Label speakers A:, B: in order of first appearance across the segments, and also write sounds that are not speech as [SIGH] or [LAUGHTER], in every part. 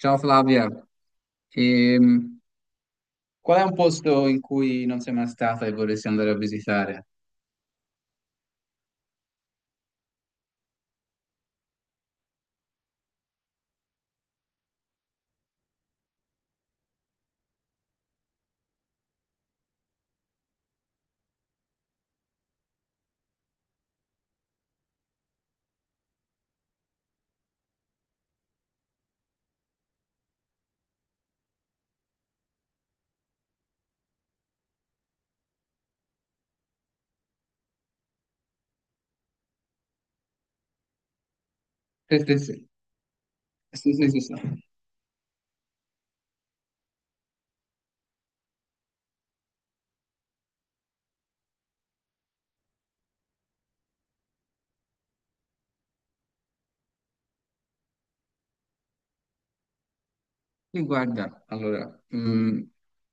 A: Ciao Flavia, Ehm, qual è un posto in cui non sei mai stata e vorresti andare a visitare? Sì, sì, sì, sì, sì, sì, sì. Sì, guarda, allora,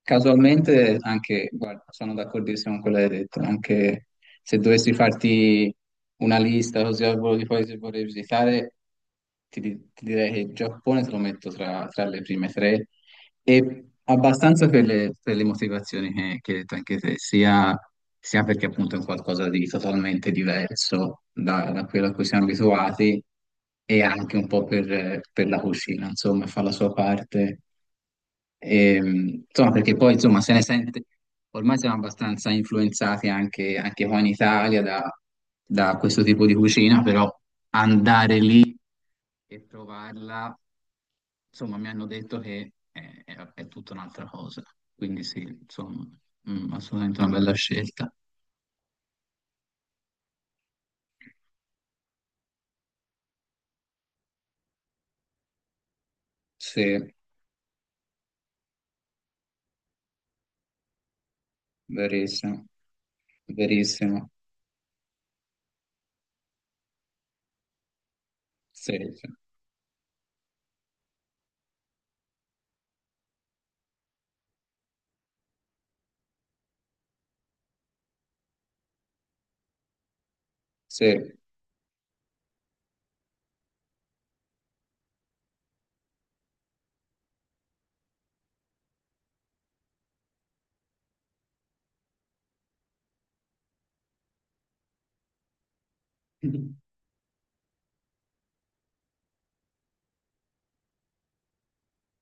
A: casualmente anche, guarda, sono d'accordissimo con quello che hai detto, anche se dovessi farti una lista così al volo di paesi che vorrei visitare, ti direi che il Giappone te lo metto tra, tra le prime tre. E abbastanza per le motivazioni che hai detto anche te, sia, sia perché appunto è un qualcosa di totalmente diverso da, da quello a cui siamo abituati e anche un po' per la cucina, insomma, fa la sua parte. E, insomma, perché poi insomma se ne sente, ormai siamo abbastanza influenzati anche, anche qua in Italia da, da questo tipo di cucina, però andare lì e provarla, insomma, mi hanno detto che è, è tutta un'altra cosa. Quindi sì, insomma, mm, assolutamente una bella scelta. Sì, verissimo, verissimo. Sì, sì, sì,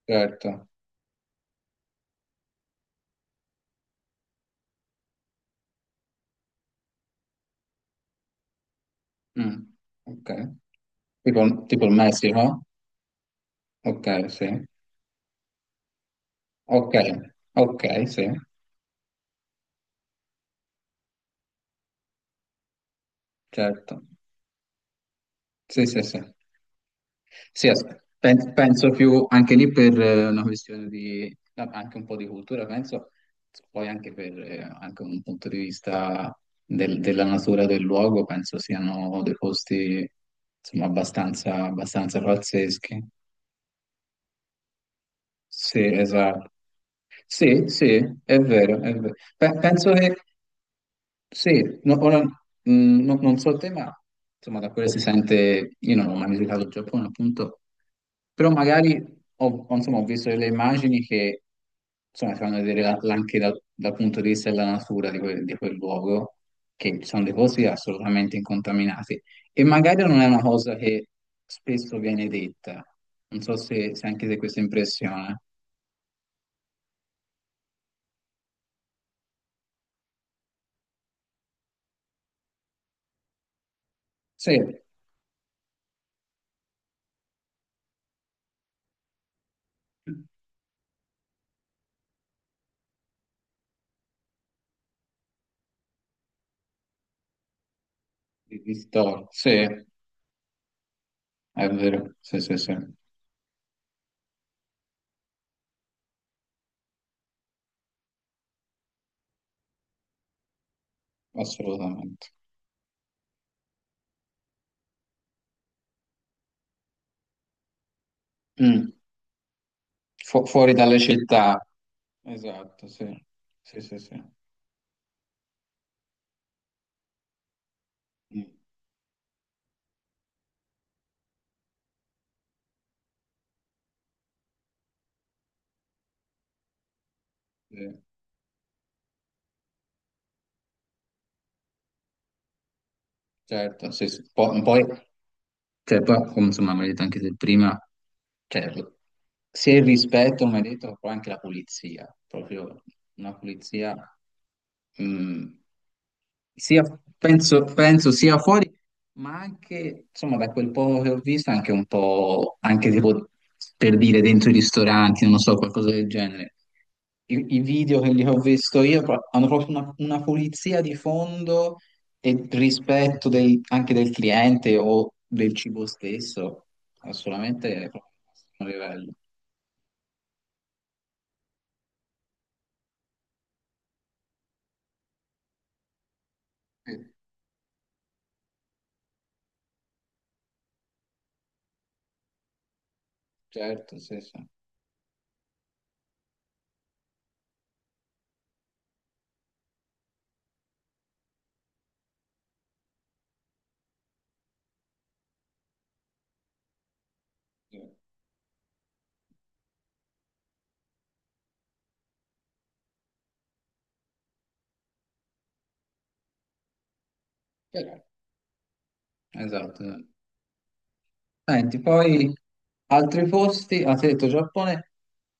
A: certo. Mm, ok. Tipo, tipo il Messico? Ok, sì. Ok, ok, sì, certo. Sì, sì, sì. Sì, as- penso più anche lì per una questione di anche un po' di cultura, penso poi anche per anche un punto di vista della natura del luogo, penso siano dei posti insomma abbastanza, abbastanza pazzeschi. Sì, esatto. Sì, sì, è vero, è vero. Penso che sì, no- ora, non so il tema, insomma, da quello si sente. Io non ho mai visitato il Giappone, appunto, però magari ho, insomma, ho visto delle immagini che, insomma, ti fanno vedere anche dal punto di vista della natura di quel luogo, che ci sono dei posti assolutamente incontaminati, e magari non è una cosa che spesso viene detta, non so se, se anche te questa impressione. Sì, di storia, sì, è vero, sì, sì, sì. Assolutamente. Mm. Fuori dalle città, esatto, sì, sì, sì, sì. Mm. Sì, certo, sì, sì. Poi, cioè, poi, come insomma, mi hai detto anche se prima, cioè, se il rispetto, mi hai detto, poi anche la pulizia, proprio una pulizia, mm, sia, penso, penso sia fuori, ma anche, insomma, da quel poco che ho visto, anche un po', anche tipo, per dire, dentro i ristoranti, non lo so, qualcosa del genere i, i video che li ho visto io hanno proprio una pulizia di fondo e rispetto anche del cliente o del cibo stesso, assolutamente è proprio un livello. Sì, certo, sì, sì. Sì. Però, esatto, esatto. Senti, poi altri posti, ah, ti ho detto Giappone,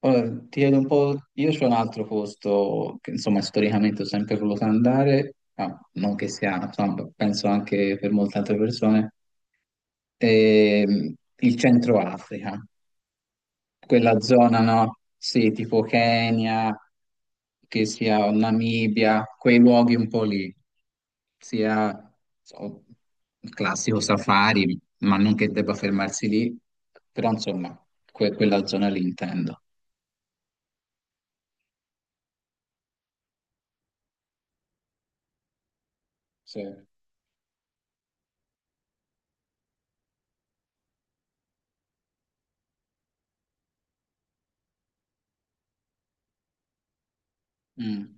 A: ora ti chiedo un po'. Io c'ho un altro posto che insomma storicamente ho sempre voluto andare, ma non che sia, insomma, penso anche per molte altre persone, il Centro Africa, quella zona, no? Sì, tipo Kenya, che sia o Namibia, quei luoghi un po' lì, sia so, il classico safari, ma non che debba fermarsi lì, però insomma, quella zona lì intendo. Sì. Mm.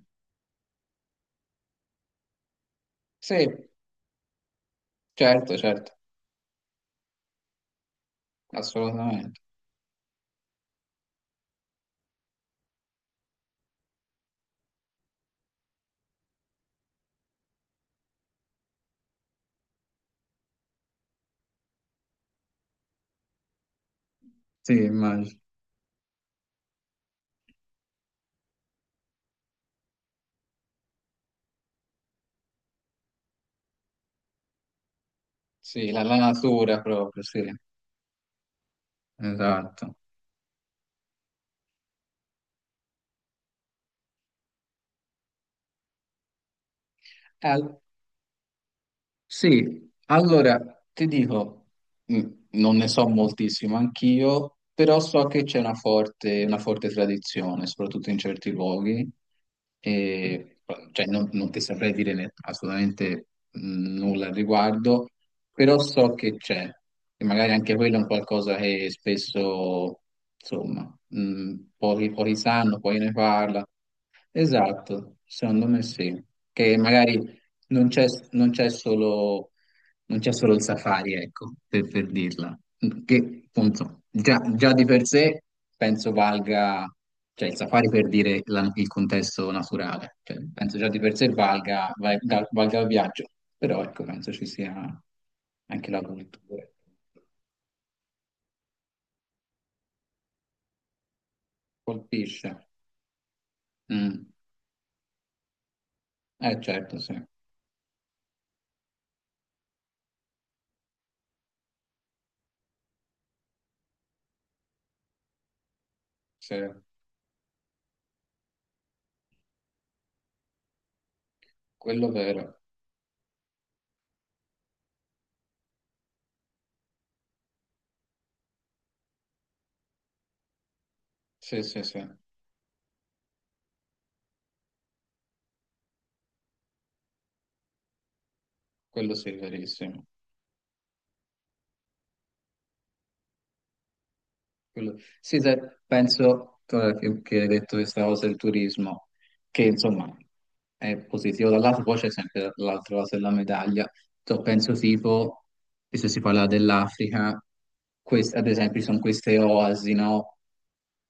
A: Sì, certo, certo, assolutamente. Sì, immagino. Sì, la, la natura proprio, sì, esatto. Sì, allora ti dico, mh, non ne so moltissimo anch'io, però so che c'è una forte tradizione, soprattutto in certi luoghi, e, cioè, non, non ti saprei dire ne- assolutamente nulla al riguardo, però so che c'è, e magari anche quello è un qualcosa che spesso, insomma, pochi, pochi sanno, poi ne parla. Esatto, secondo me sì, che magari non c'è non c'è solo, non c'è solo il safari, ecco, per dirla, che appunto già, già di per sé penso valga, cioè il safari per dire il contesto naturale, cioè, penso già di per sé valga, valga il viaggio, però ecco, penso ci sia anche la cultura. Colpisce. Mm. Eh certo, sì, sì, quello vero, sì, sì, sì, quello sì, verissimo. Quello, sì, sai, penso ora che hai detto questa cosa del turismo, che insomma è positivo dal lato, poi c'è sempre l'altra cosa della medaglia. So, penso tipo, e se si parla dell'Africa, quest- ad esempio ci sono queste oasi, no?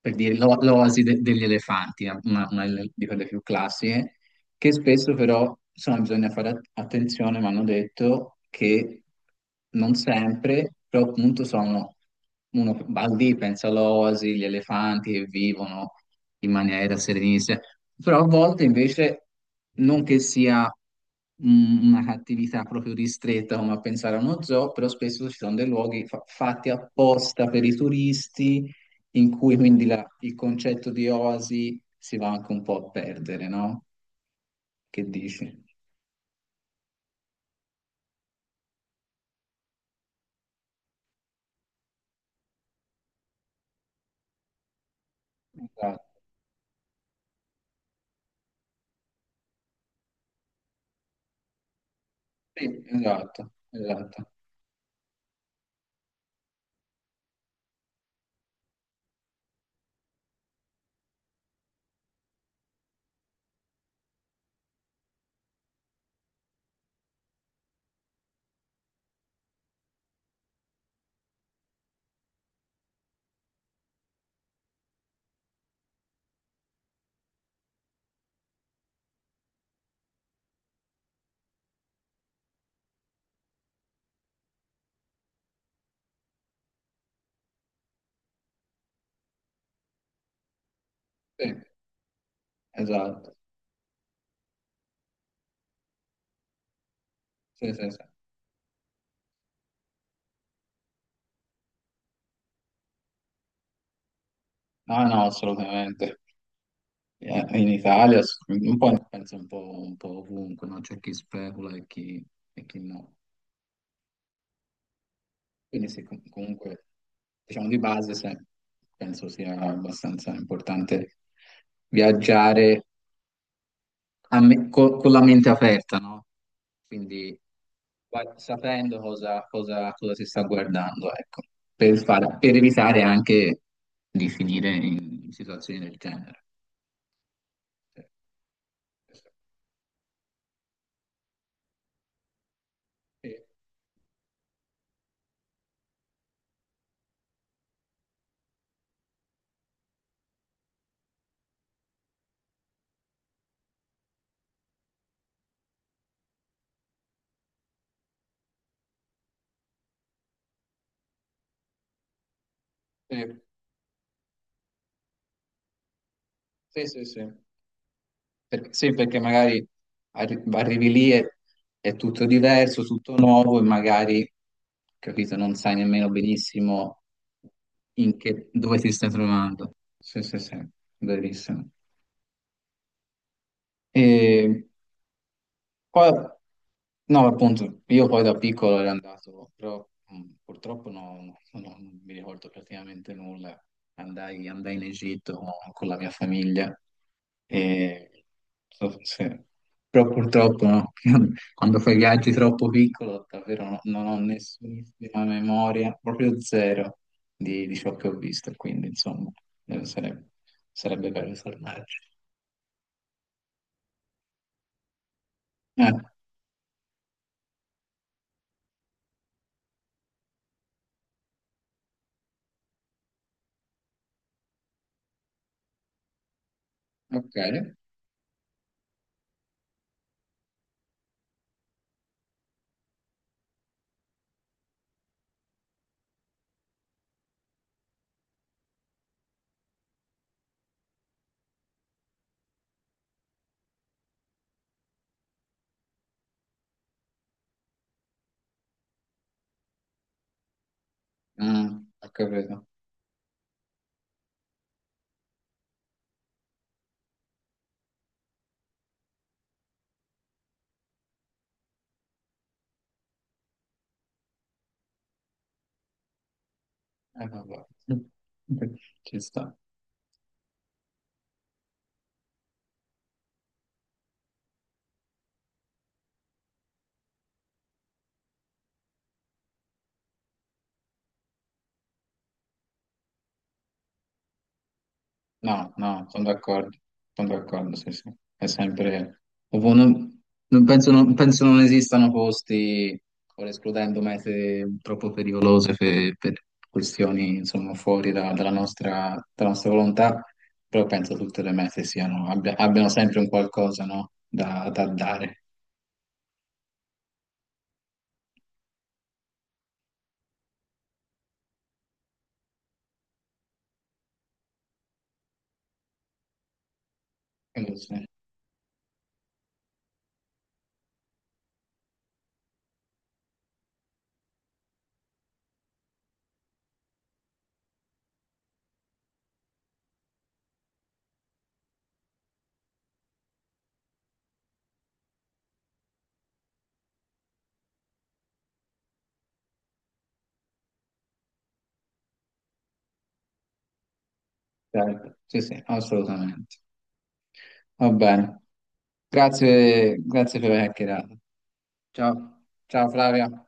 A: Per dire l'oasi degli elefanti, una di quelle più classiche, che spesso però, insomma, bisogna fare attenzione, mi hanno detto che non sempre, però appunto sono, uno va lì, pensa all'oasi, gli elefanti che vivono in maniera serenissima, però a volte invece non che sia una cattività proprio ristretta come a pensare a uno zoo, però spesso ci sono dei luoghi fatti apposta per i turisti in cui quindi il concetto di oasi si va anche un po' a perdere, no? Che dici? Esatto, sì, esatto, esatto, sì, esatto, sì, sì, sì. No, no, assolutamente. In Italia, ass- un po', in- penso un po' ovunque, no? C'è chi specula e chi no. Quindi sì, com- comunque, diciamo di base, se- penso sia abbastanza importante viaggiare con la mente aperta, no? Quindi va- sapendo cosa, cosa si sta guardando, ecco, per, per evitare anche di finire in situazioni del genere. Sì, sì, sì, sì, sì. Perché, sì, perché magari arrivi lì e è tutto diverso, tutto nuovo e magari, capito, non sai nemmeno benissimo dove ti stai trovando. Sì, sì, sì, verissimo. E poi, no, appunto, io poi da piccolo ero andato, però purtroppo no, non mi ricordo praticamente nulla. Andai, andai in Egitto con la mia famiglia e so- se- però purtroppo no, [LAUGHS] quando fai viaggi troppo piccolo davvero non ho nessunissima memoria, proprio zero di ciò che ho visto, quindi insomma sarebbe, sarebbe bello tornarci. Eh, ok, mm, ho capito. Vabbè. [LAUGHS] Ci sta. No, no, sono d'accordo, sì, sì. È sempre... ovvio, non, non penso, non, penso non esistano posti, ora escludendo mete troppo pericolose per questioni, insomma, fuori dalla nostra volontà, però penso tutte le mete siano, abbiano sempre un qualcosa, no? Da, da dare. Quindi sì, certo. Sì, sì, assolutamente. Va bene. Grazie, grazie per aver chiacchierato. Ciao, ciao Flavia.